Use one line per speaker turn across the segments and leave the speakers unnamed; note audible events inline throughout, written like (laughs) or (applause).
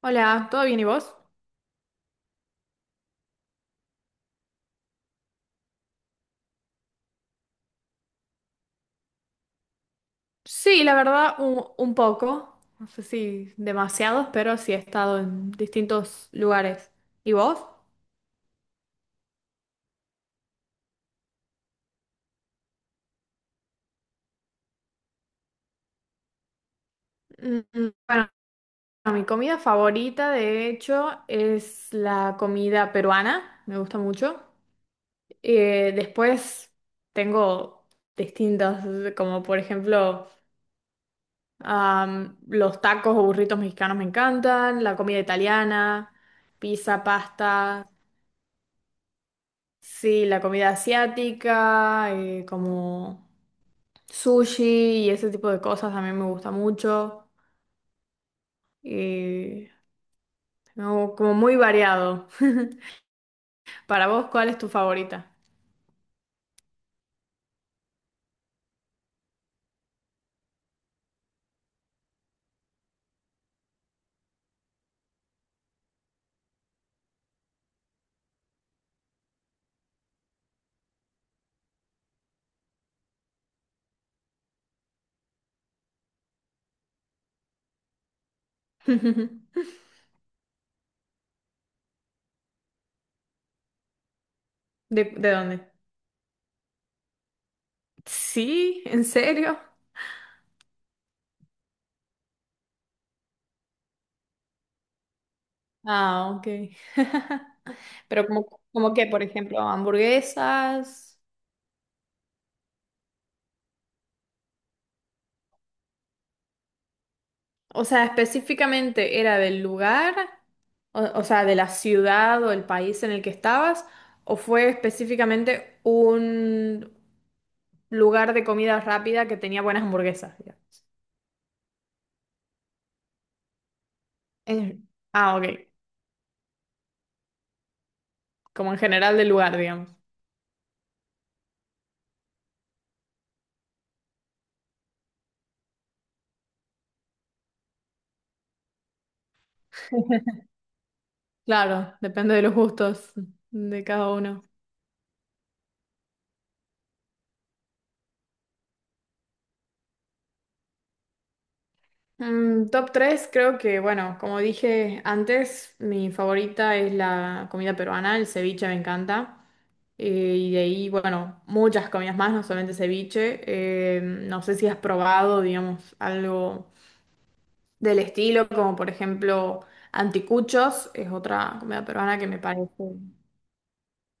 Hola, ¿todo bien y vos? Sí, la verdad, un poco. No sé si demasiados, pero sí he estado en distintos lugares. ¿Y vos? Mm, Bueno, mi comida favorita, de hecho, es la comida peruana. Me gusta mucho. Después tengo distintas, como por ejemplo, los tacos o burritos mexicanos me encantan, la comida italiana, pizza, pasta. Sí, la comida asiática, como sushi y ese tipo de cosas también me gusta mucho. Y no, como muy variado. (laughs) Para vos, ¿cuál es tu favorita? (laughs) ¿De, de dónde? Sí, ¿en serio? Ah, ok. (laughs) Pero como qué, por ejemplo, hamburguesas. O sea, específicamente era del lugar, o sea, de la ciudad o el país en el que estabas, o fue específicamente un lugar de comida rápida que tenía buenas hamburguesas, digamos. En- Ah, ok. Como en general del lugar, digamos. Claro, depende de los gustos de cada uno. Top 3, creo que, bueno, como dije antes, mi favorita es la comida peruana, el ceviche me encanta. Y de ahí, bueno, muchas comidas más, no solamente ceviche. No sé si has probado, digamos, algo del estilo, como por ejemplo anticuchos, es otra comida peruana que me parece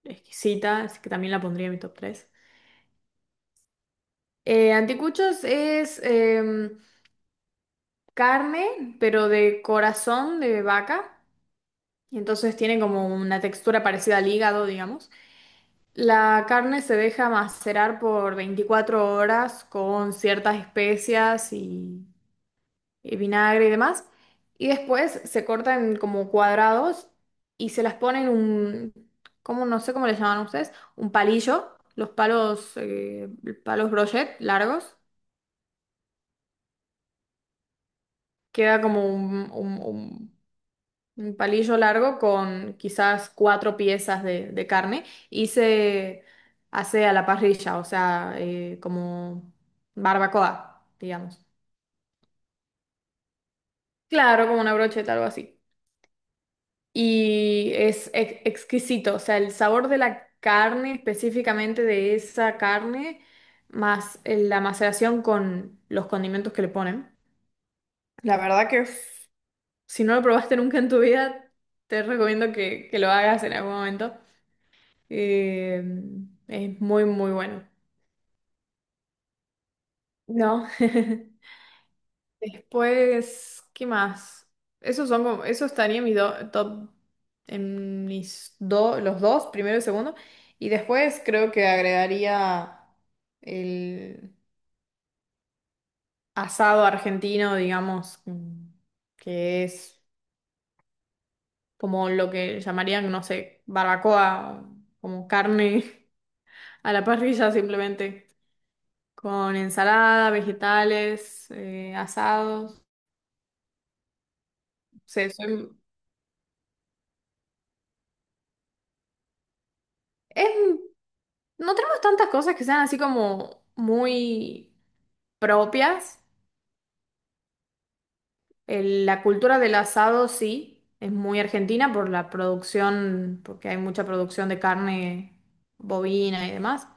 exquisita, así que también la pondría en mi top tres. Anticuchos es carne, pero de corazón de vaca, y entonces tiene como una textura parecida al hígado, digamos. La carne se deja macerar por 24 horas con ciertas especias y vinagre y demás. Y después se cortan como cuadrados y se las ponen. ¿Cómo? No sé cómo les llaman ustedes, un palillo, los palos, palos brochet largos. Queda como un palillo largo con quizás cuatro piezas de carne y se hace a la parrilla, o sea, como barbacoa, digamos. Claro, como una brocheta, algo así. Y es exquisito, o sea, el sabor de la carne, específicamente de esa carne, más la maceración con los condimentos que le ponen. La verdad que si no lo probaste nunca en tu vida, te recomiendo que lo hagas en algún momento. Eh, es muy, muy bueno. No. (laughs) Después, ¿qué más? Esos son como, eso estaría en mi top, en mis dos, los dos, primero y segundo. Y después creo que agregaría el asado argentino, digamos, que es como lo que llamarían, no sé, barbacoa, como carne (laughs) a la parrilla simplemente, con ensalada, vegetales, asados. O sea, es- no tenemos tantas cosas que sean así como muy propias. La cultura del asado sí, es muy argentina por la producción, porque hay mucha producción de carne bovina y demás.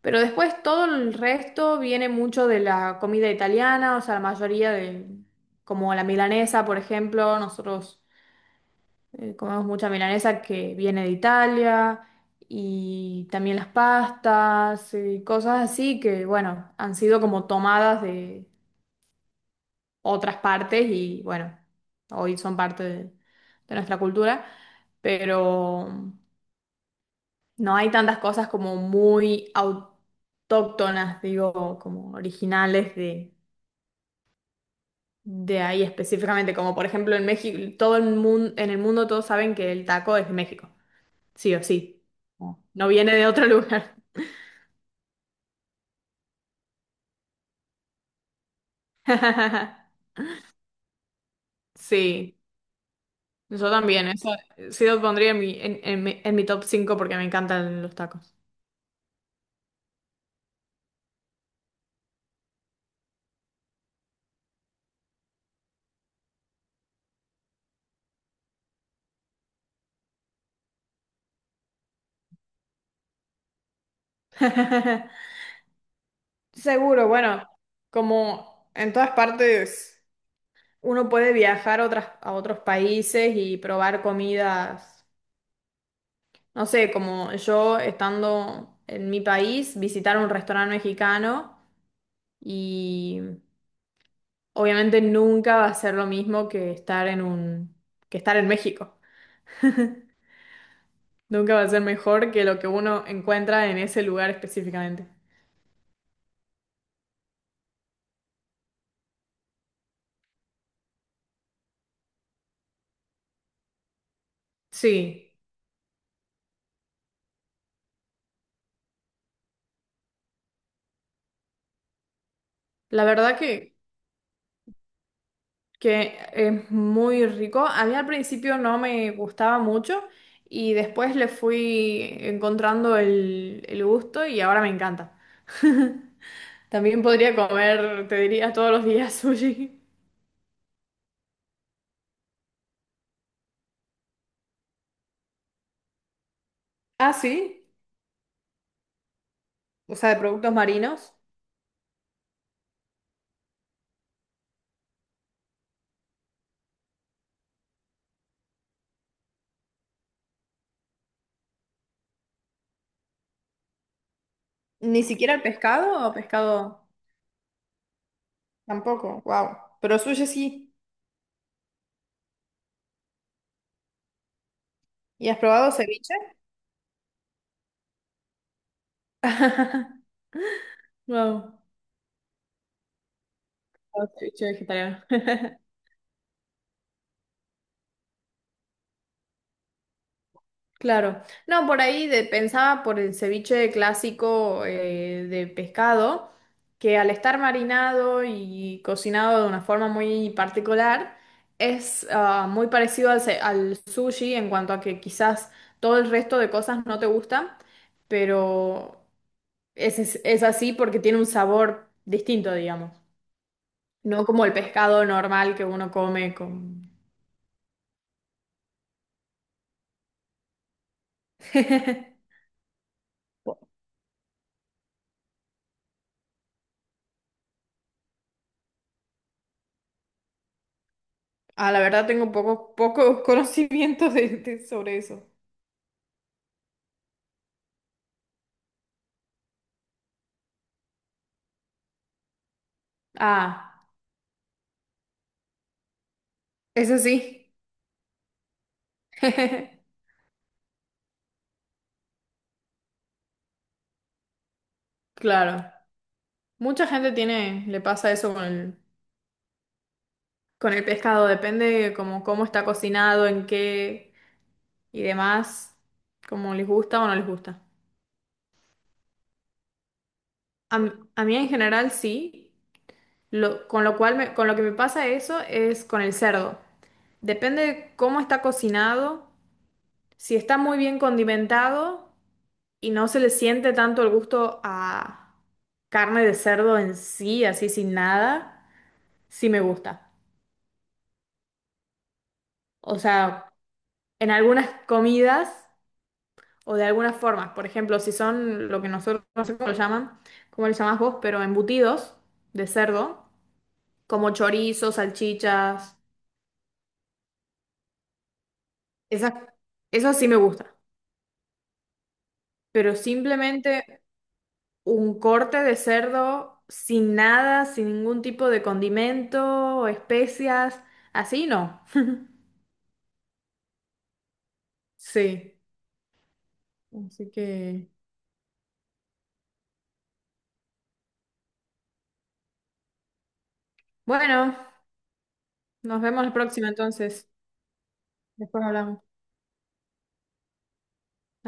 Pero después todo el resto viene mucho de la comida italiana, o sea, la mayoría de, como la milanesa, por ejemplo, nosotros... Comemos mucha milanesa que viene de Italia y también las pastas y cosas así que, bueno, han sido como tomadas de otras partes y, bueno, hoy son parte de, nuestra cultura, pero no hay tantas cosas como muy autóctonas, digo, como originales de... De ahí específicamente, como por ejemplo en México, todo el mundo, en el mundo todos saben que el taco es de México. Sí o sí. ¿No? No viene de otro lugar. (laughs) Sí, yo también. Eso sí lo pondría en mi top cinco porque me encantan los tacos. (laughs) Seguro, bueno, como en todas partes uno puede viajar a, otros países y probar comidas. No sé, como yo estando en mi país, visitar un restaurante mexicano y, obviamente, nunca va a ser lo mismo que estar en un, que estar en México. Nunca va a ser mejor que lo que uno encuentra en ese lugar específicamente. Sí, la verdad que es muy rico. A mí al principio no me gustaba mucho y después le fui encontrando el gusto y ahora me encanta. (laughs) También podría comer, te diría, todos los días (laughs) sushi. Ah, sí, o sea, de productos marinos. ¿Ni siquiera el pescado o pescado? Tampoco, wow. Pero sushi sí. ¿Y has probado ceviche? (laughs) Wow, ceviche vegetariano. (laughs) Claro. No, por ahí pensaba por el ceviche clásico, de pescado, que al estar marinado y cocinado de una forma muy particular, es, muy parecido al sushi en cuanto a que quizás todo el resto de cosas no te gustan, pero es así porque tiene un sabor distinto, digamos. No como el pescado normal que uno come con... (laughs) Ah, la verdad tengo poco, poco (laughs) conocimiento sobre eso. Ah, eso sí. (laughs) Claro. Mucha gente tiene, le pasa eso con el, pescado. Depende como cómo está cocinado, en qué y demás. Como les gusta o no les gusta. A mí en general sí. Con lo cual con lo que me pasa eso es con el cerdo. Depende de cómo está cocinado. Si está muy bien condimentado y no se le siente tanto el gusto a carne de cerdo en sí, así sin nada, sí me gusta. O sea, en algunas comidas o de algunas formas, por ejemplo, si son lo que nosotros, no sé cómo lo llaman, cómo le llamás vos, pero embutidos de cerdo, como chorizo, salchichas, esas, eso sí me gusta. Pero simplemente un corte de cerdo sin nada, sin ningún tipo de condimento o especias, así no. Sí, así que bueno, nos vemos la próxima entonces. Después hablamos.